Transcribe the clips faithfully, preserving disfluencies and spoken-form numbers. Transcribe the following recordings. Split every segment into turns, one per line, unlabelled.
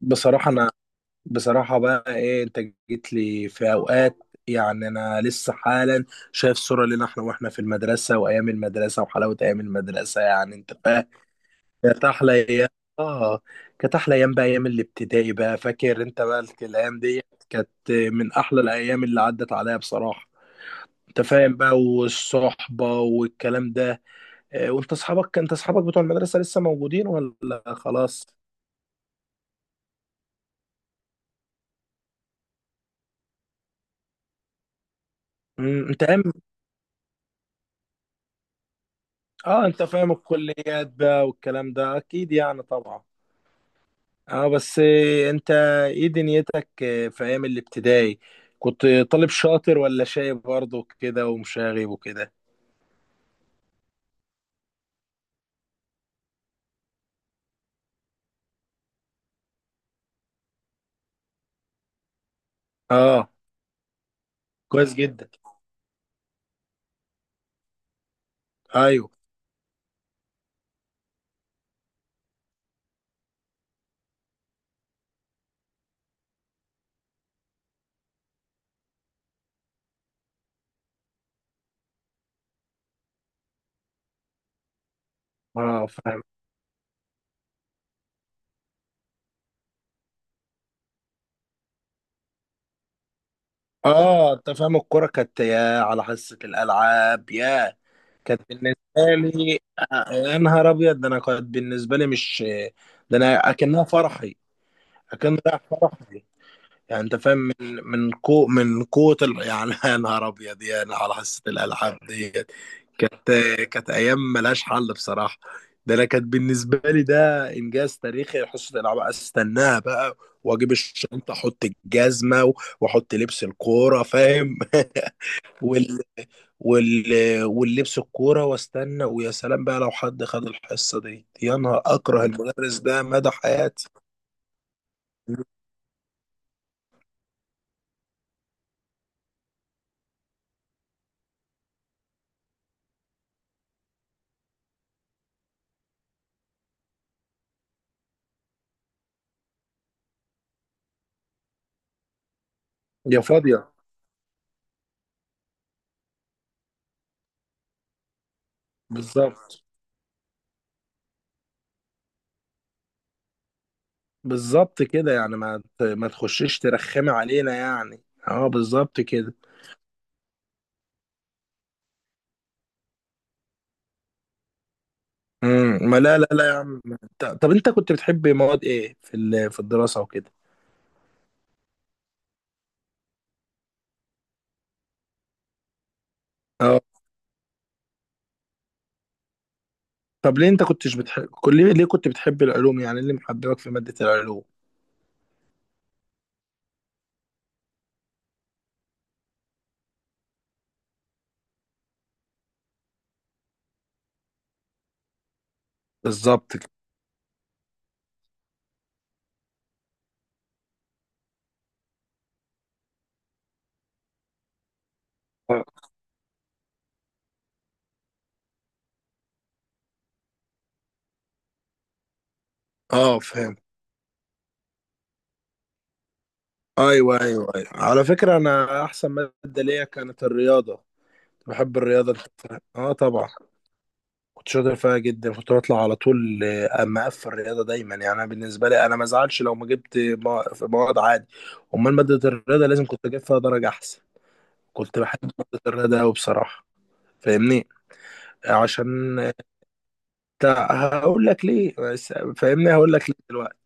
بصراحة أنا بصراحة بقى إيه أنت جيت لي في أوقات. يعني أنا لسه حالا شايف صورة لنا إحنا وإحنا في المدرسة وأيام المدرسة وحلاوة أيام المدرسة، يعني أنت فاهم، كانت أحلى أيام. آه كانت أحلى أيام بقى، أيام الابتدائي بقى. فاكر أنت بقى الك- الأيام دي؟ كانت من أحلى الأيام اللي عدت عليا بصراحة. أنت فاهم بقى، والصحبة والكلام ده. آه، وأنت أصحابك، أنت أصحابك بتوع المدرسة لسه موجودين ولا خلاص؟ مم، أنت أيام، اه انت فاهم الكليات بقى والكلام ده، اكيد يعني طبعا. اه بس إيه، انت ايه دنيتك إيه، في ايام الابتدائي كنت طالب شاطر ولا شايب برضه كده ومشاغب وكده؟ اه كويس جدا. ايوه. اه فاهم. اه انت فاهم الكرة كانت يا على حصة الالعاب يا. كانت بالنسبة لي، آه، يا نهار ابيض، ده انا كانت بالنسبة لي مش، ده انا اكنها فرحي، اكن رايح فرحي، يعني انت فاهم من من كو من قوة ال- يعني يا نهار ابيض، يعني على حصة الالعاب ديت. كانت، كانت ايام ملهاش حل بصراحة. ده انا كانت بالنسبة لي ده انجاز تاريخي، حصة الالعاب استناها بقى، واجيب الشنطة، احط الجزمة و- واحط لبس الكورة، فاهم؟ وال وال واللبس الكورة، واستنى. ويا سلام بقى لو حد خد الحصة دي، يا نهار اكره المدرس ده مدى حياتي. يا فاضية. بالظبط. بالظبط كده. يعني ما ت- ما تخشيش ترخمي علينا، يعني اه بالظبط كده. امم ما لا لا لا يا عم. ط- طب انت كنت بتحب مواد ايه في ال- في الدراسة وكده؟ اه طب ليه، انت كنتش بتحب كل، ليه ليه كنت بتحب العلوم، يعني إيه اللي محببك في مادة العلوم؟ بالظبط كده. اه آه، فاهم. ايوه ايوه ايوه على فكرة، انا احسن مادة ليا كانت الرياضة. بحب الرياضة، أنت فاهم؟ اه طبعا كنت شاطر فيها جدا، كنت بطلع على طول. آه، مقفل الرياضه دايما. يعني انا بالنسبه لي انا ما ازعلش لو ما جبت مو- في مواد عادي، امال ماده الرياضه لازم كنت اجيب فيها درجه احسن. كنت بحب ماده الرياضه قوي بصراحه، فاهمني؟ عشان تع- هقول لك ليه، بس- فاهمني، هقول لك ليه دلوقتي.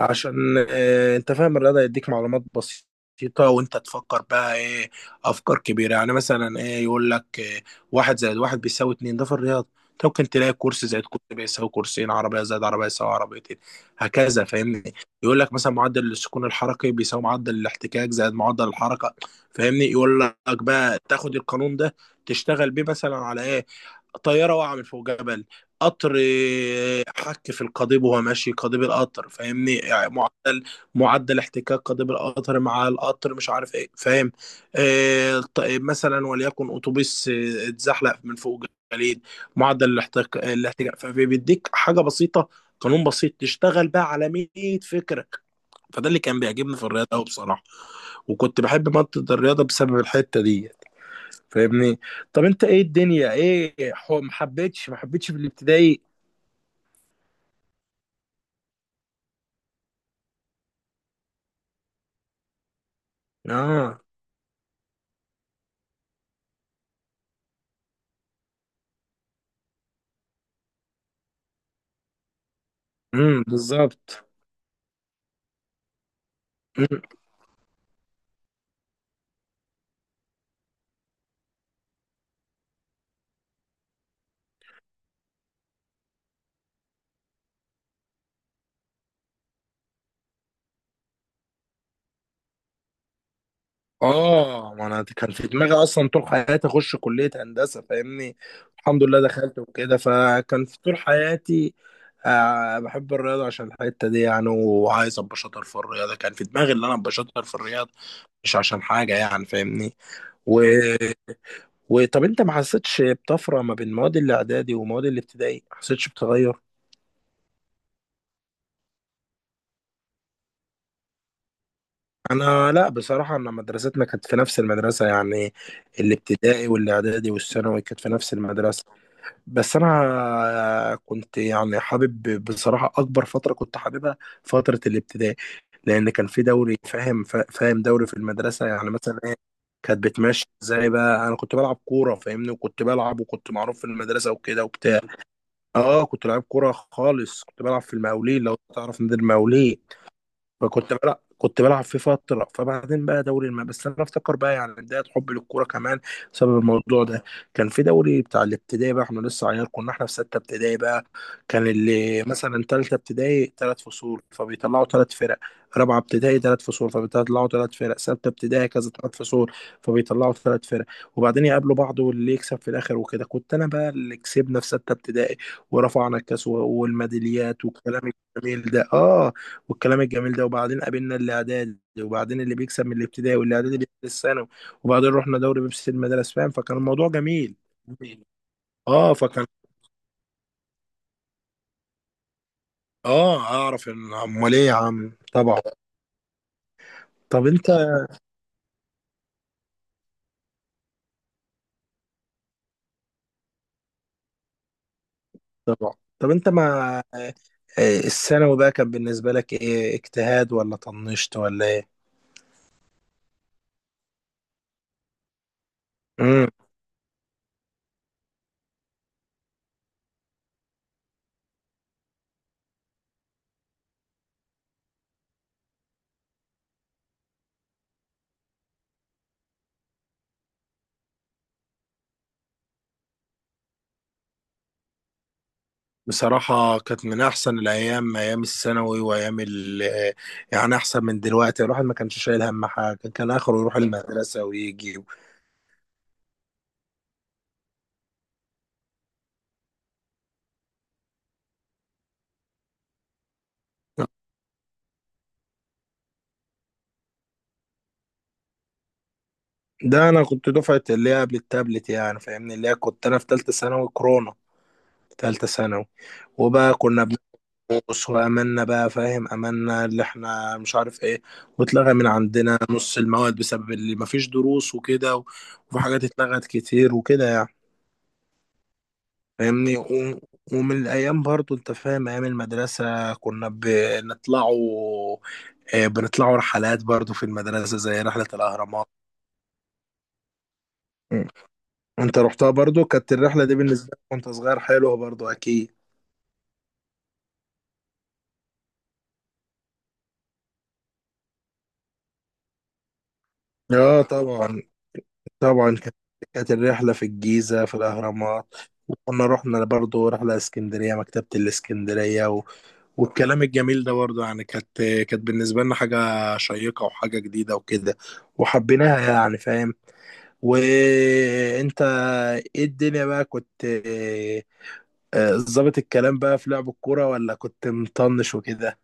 عشان، آه، انت فاهم، الرياضة يديك معلومات بسيطة وانت تفكر بقى ايه، افكار كبيرة. يعني مثلا ايه، يقول لك إيه، واحد زائد واحد بيساوي اتنين، ده في الرياضة أنت ممكن تلاقي كرسي زائد كرسي بيساوي كرسيين، عربية زائد عربية يساوي عربيتين، هكذا. فاهمني؟ يقول لك مثلا معدل السكون الحركي بيساوي معدل الاحتكاك زائد معدل الحركة. فاهمني؟ يقول لك بقى تاخد القانون ده تشتغل بيه مثلا على ايه، طيارة واقعة من فوق جبل، قطر حك في القضيب وهو ماشي قضيب القطر، فاهمني؟ يعني معدل معدل احتكاك قضيب القطر مع القطر مش عارف ايه، فاهم؟ آه طيب، مثلا وليكن اتوبيس، آه، اتزحلق من فوق جليد، معدل الاحتكاك الاحتكاك، فبيديك حاجه بسيطه، قانون بسيط، تشتغل بقى على مية فكره. فده اللي كان بيعجبني في الرياضه قوي بصراحه. وكنت بحب مادة الرياضة بسبب الحتة دي، فاهمني؟ طب انت ايه الدنيا، ايه حو- ما حبيتش، ما حبيتش في الابتدائي؟ اه. امم بالظبط. مم. اه، ما انا كان في دماغي اصلا طول حياتي اخش كليه هندسه، فاهمني؟ الحمد لله دخلت وكده، فكان في طول حياتي، آه بحب الرياضه عشان الحته دي يعني، وعايز ابقى شاطر في الرياضه. كان في دماغي ان انا ابقى شاطر في الرياضه، مش عشان حاجه يعني، فاهمني؟ و... وطب انت ما حسيتش بطفره ما بين مواد الاعدادي ومواد الابتدائي؟ ما حسيتش بتغير؟ انا لا بصراحه، انا مدرستنا كانت في نفس المدرسه يعني، الابتدائي والاعدادي والثانوي كانت في نفس المدرسه. بس انا كنت يعني حابب بصراحه، اكبر فتره كنت حاببها فتره الابتدائي، لان كان في دوري. فاهم؟ فا- فاهم دوري في المدرسه يعني مثلا ايه كانت بتمشي ازاي بقى؟ انا كنت بلعب كوره، فاهمني؟ وكنت بلعب وكنت معروف في المدرسه وكده وبتاع. اه كنت لعيب كوره خالص، كنت بلعب في المقاولين، لو تعرف نادي المقاولين. فكنت بلعب كنت بلعب في فترة. فبعدين بقى دوري الم... بس أنا أفتكر بقى، يعني بداية حبي للكورة كمان بسبب الموضوع ده. كان في دوري بتاع الابتدائي بقى، إحنا لسه عيال، كنا إحنا في ستة ابتدائي بقى. كان اللي مثلا تالتة ابتدائي تلات فصول فبيطلعوا تلات فرق، رابعة ابتدائي تلات فصول فبيطلعوا تلات فرق، ستة ابتدائي كذا تلات فصول فبيطلعوا تلات فرق. وبعدين يقابلوا بعض واللي يكسب في الآخر وكده. كنت أنا بقى اللي كسبنا في ستة ابتدائي، ورفعنا الكاس و- والميداليات والكلام الجميل ده. آه والكلام الجميل ده. وبعدين قابلنا اللي اعدادي، وبعدين اللي بيكسب من الابتدائي واللي اعدادي بيكسب الثانوي. وبعدين رحنا دوري بيبسي المدارس، فاهم؟ فكان الموضوع جميل. اه فكان. اه اعرف ان، امال ايه يا عم، طبعا. طب انت طبعا. طب انت مع آه، الثانوي بقى، كان بالنسبه لك ايه، اجتهاد ولا طنشت ولا ايه؟ امم بصراحه كانت من احسن الايام ايام الثانوي، وايام ال يعني، احسن من دلوقتي. الواحد ما كانش شايل هم حاجه، كان اخره يروح المدرسه ويجي. ده انا كنت دفعه اللي هي قبل التابلت يعني، فاهمني؟ اللي هي كنت انا في ثالثه ثانوي كورونا. ثالثه ثانوي. وبقى كنا بنقص واملنا بقى، فاهم؟ املنا اللي احنا مش عارف ايه. واتلغى من عندنا نص المواد بسبب اللي مفيش دروس وكده و- وفي حاجات اتلغت كتير وكده يعني. فاهمني؟ و- ومن الايام برضو، انت فاهم، ايام المدرسه كنا بنطلعوا، آه، بنطلعوا رحلات برضو في المدرسه زي رحله الاهرامات. انت رحتها برضو، كانت الرحلة دي بالنسبة لك وانت صغير حلوة برضو اكيد. اه طبعا. طبعا كانت، كانت الرحلة في الجيزة في الأهرامات. وكنا رحنا برضو رحلة اسكندرية، مكتبة الاسكندرية و... والكلام الجميل ده برضو يعني. كانت كانت بالنسبة لنا حاجة شيقة وحاجة جديدة وكده، وحبيناها يعني، فاهم؟ وانت ايه الدنيا بقى، كنت آه، ظابط الكلام بقى في لعب الكورة، ولا كنت مطنش وكده؟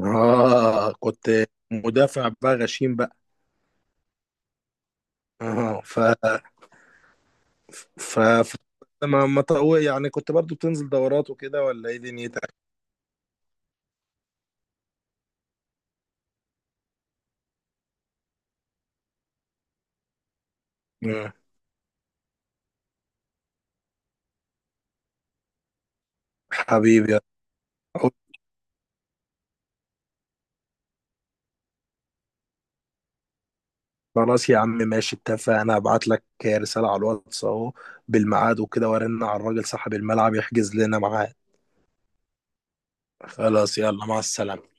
اه كنت مدافع بقى غشيم بقى. اه ف ف, ف... ما ما طو- يعني كنت برضو بتنزل دورات وكده، ولا ايه دنيتك؟ مم. حبيبي، قلت خلاص يا عم، ماشي، اتفقنا. هبعت لك رسالة على الواتس اهو بالميعاد وكده، وارن على الراجل صاحب الملعب يحجز لنا ميعاد. خلاص، يلا، مع السلامة.